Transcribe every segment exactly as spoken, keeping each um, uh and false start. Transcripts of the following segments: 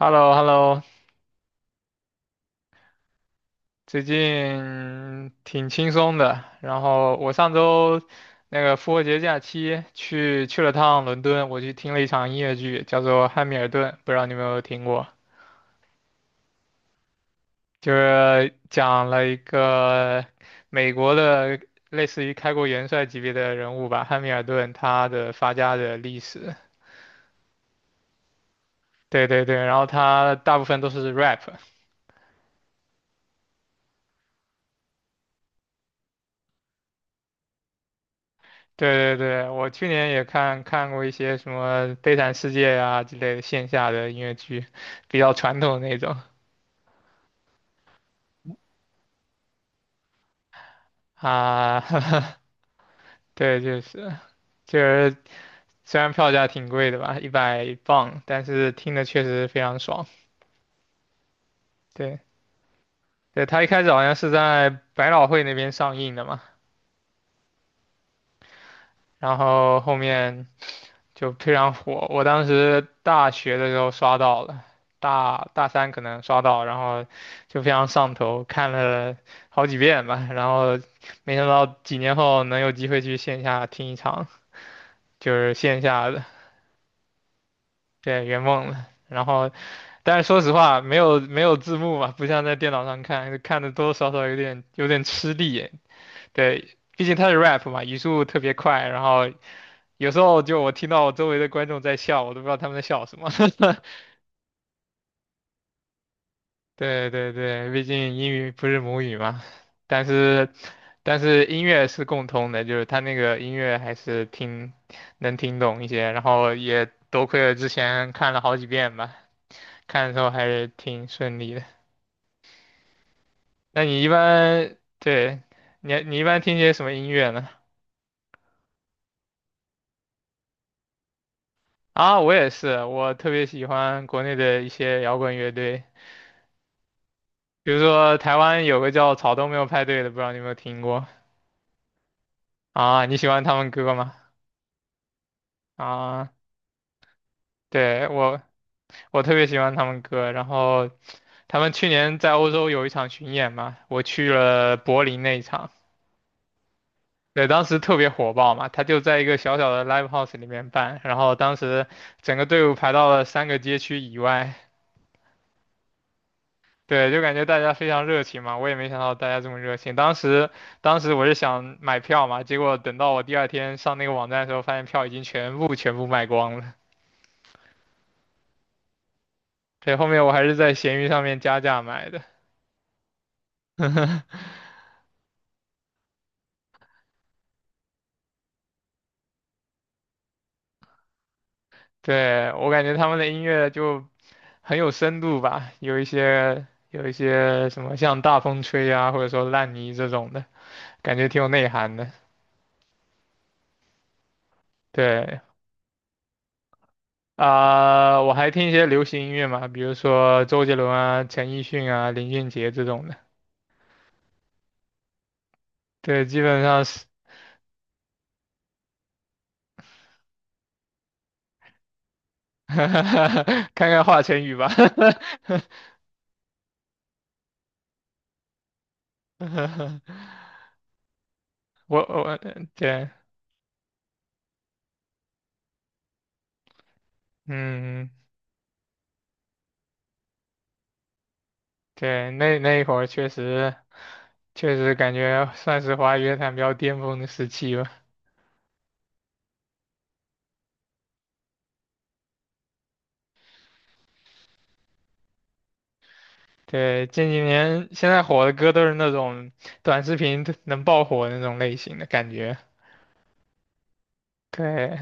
h e l l o h e l l o 最近挺轻松的。然后我上周那个复活节假期去去了趟伦敦，我去听了一场音乐剧，叫做《汉密尔顿》，不知道你有没有听过？就是讲了一个美国的类似于开国元帅级别的人物吧，汉密尔顿他的发家的历史。对对对，然后他大部分都是 rap。对对对，我去年也看看过一些什么《悲惨世界》呀之类的线下的音乐剧，比较传统的那种啊。对，就是就是虽然票价挺贵的吧，一百磅，但是听的确实非常爽。对对，他一开始好像是在百老汇那边上映的嘛，然后后面就非常火。我当时大学的时候刷到了，大大三可能刷到，然后就非常上头，看了好几遍吧。然后没想到几年后能有机会去线下听一场，就是线下的，对，圆梦了。然后，但是说实话，没有没有字幕嘛，不像在电脑上看，看的多多少少有点有点吃力。对，毕竟它是 rap 嘛，语速特别快，然后有时候就我听到我周围的观众在笑，我都不知道他们在笑什么。对对对，毕竟英语不是母语嘛，但是但是音乐是共通的，就是他那个音乐还是听能听懂一些，然后也多亏了之前看了好几遍吧，看的时候还是挺顺利的。那你一般对你你一般听些什么音乐呢？啊，我也是，我特别喜欢国内的一些摇滚乐队，比如说台湾有个叫草东没有派对的，不知道你有没有听过啊？你喜欢他们歌吗？啊，对我。我特别喜欢他们歌。然后他们去年在欧洲有一场巡演嘛，我去了柏林那一场，对，当时特别火爆嘛。他就在一个小小的 live house 里面办，然后当时整个队伍排到了三个街区以外。对，就感觉大家非常热情嘛，我也没想到大家这么热情。当时，当时我是想买票嘛，结果等到我第二天上那个网站的时候，发现票已经全部全部卖光了。对，后面我还是在闲鱼上面加价买的。对，我感觉他们的音乐就很有深度吧，有一些有一些什么像《大风吹》啊，或者说《烂泥》这种的，感觉挺有内涵的。对，啊、我还听一些流行音乐嘛，比如说周杰伦啊、陈奕迅啊、林俊杰这种的。对，基本上是，看看华晨宇吧。我我对，嗯，对，那那一会儿确实。确实感觉算是华语乐坛比较巅峰的时期吧。对，近几年现在火的歌都是那种短视频能爆火的那种类型的感觉。对，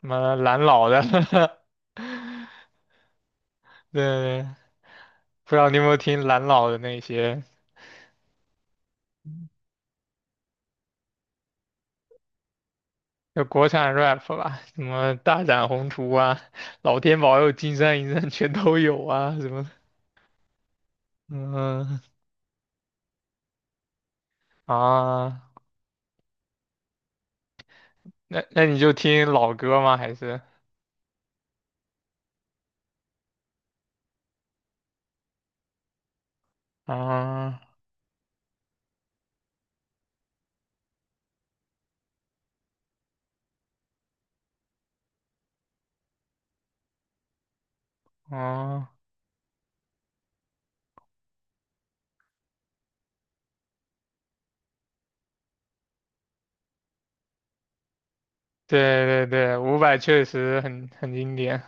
什么蓝老的，对，不知道你有没有听蓝老的那些，就国产 rap 吧，什么大展宏图啊，老天保佑，金山银山全都有啊，什么的，嗯啊，那那你就听老歌吗？还是啊啊？对对对，伍佰确实很很经典。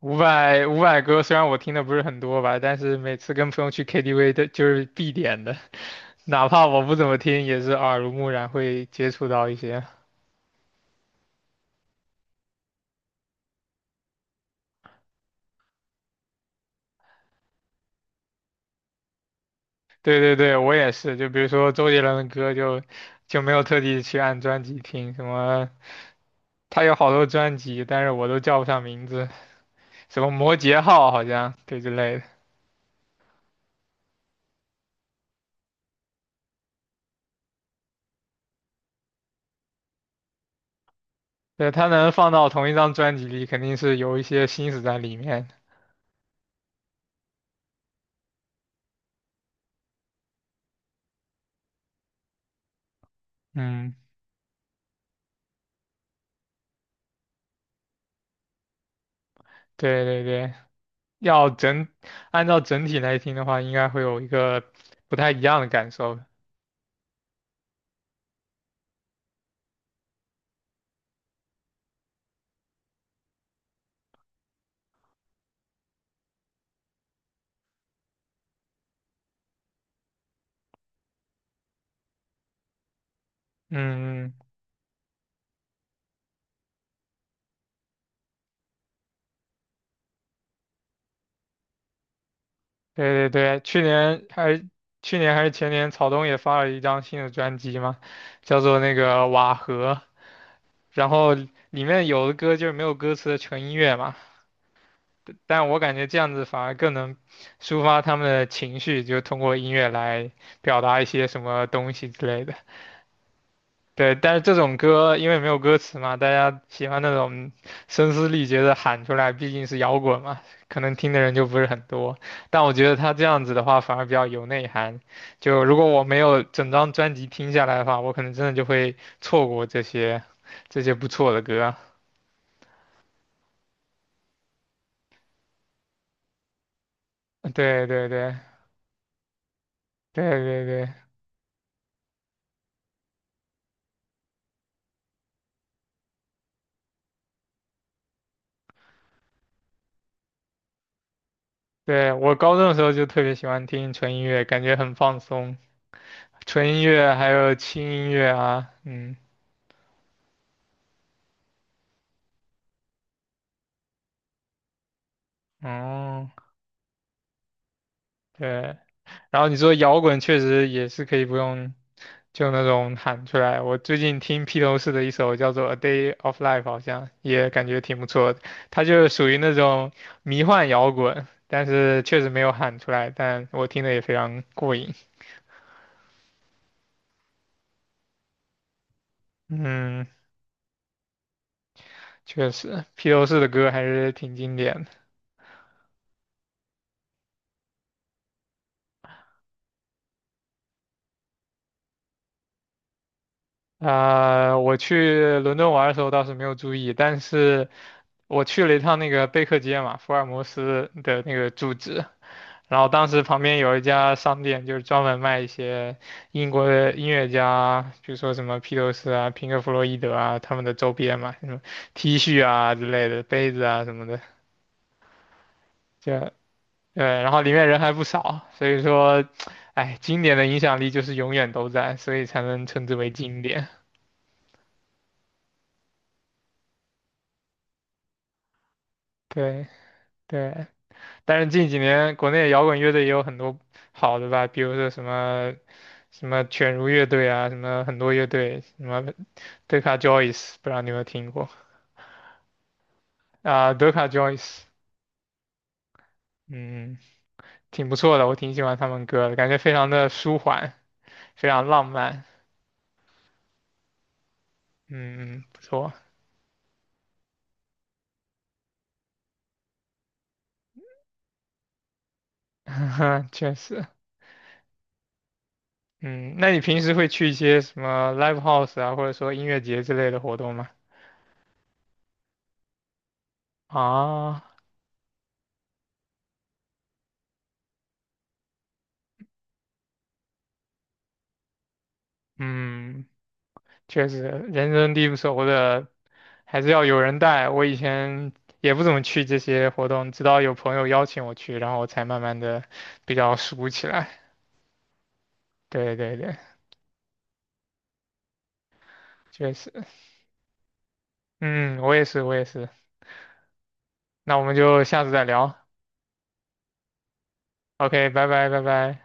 伍佰伍佰歌虽然我听的不是很多吧，但是每次跟朋友去 K T V 的就是必点的，哪怕我不怎么听，也是耳濡目染会接触到一些。对对对，我也是，就比如说周杰伦的歌就就没有特地去按专辑听，什么他有好多专辑，但是我都叫不上名字，什么摩羯号好像对之类的。对，他能放到同一张专辑里，肯定是有一些心思在里面。嗯。对对对，要整，按照整体来听的话，应该会有一个不太一样的感受。嗯，对对对，去年还是去年还是前年，草东也发了一张新的专辑嘛，叫做那个《瓦合》，然后里面有的歌就是没有歌词的纯音乐嘛，但我感觉这样子反而更能抒发他们的情绪，就通过音乐来表达一些什么东西之类的。对，但是这种歌因为没有歌词嘛，大家喜欢那种声嘶力竭的喊出来，毕竟是摇滚嘛，可能听的人就不是很多。但我觉得他这样子的话反而比较有内涵。就如果我没有整张专辑听下来的话，我可能真的就会错过这些这些不错的歌。对对对对对对对，我高中的时候就特别喜欢听纯音乐，感觉很放松，纯音乐还有轻音乐啊，嗯，哦，对。然后你说摇滚确实也是可以不用就那种喊出来。我最近听披头士的一首叫做《A Day of Life》,好像也感觉挺不错的。它就是属于那种迷幻摇滚，但是确实没有喊出来，但我听的也非常过瘾。嗯，确实，披头士的歌还是挺经典的。啊、我去伦敦玩的时候倒是没有注意，但是我去了一趟那个贝克街嘛，福尔摩斯的那个住址，然后当时旁边有一家商店，就是专门卖一些英国的音乐家，比如说什么披头士啊、平克·弗洛伊德啊他们的周边嘛，什么 T 恤啊之类的、杯子啊什么的，就对，然后里面人还不少，所以说，哎，经典的影响力就是永远都在，所以才能称之为经典。对对，但是近几年国内摇滚乐队也有很多好的吧，比如说什么什么犬儒乐队啊，什么很多乐队，什么德卡 Joyce,不知道你有没有听过啊？德卡 Joyce,嗯，挺不错的，我挺喜欢他们歌的，感觉非常的舒缓，非常浪漫，嗯，不错，确实，嗯，那你平时会去一些什么 live house 啊，或者说音乐节之类的活动吗？啊，嗯，确实，人生地不熟的，还是要有人带。我以前也不怎么去这些活动，直到有朋友邀请我去，然后我才慢慢的比较熟起来。对对对。确实，嗯，我也是，我也是。那我们就下次再聊。OK,拜拜，拜拜。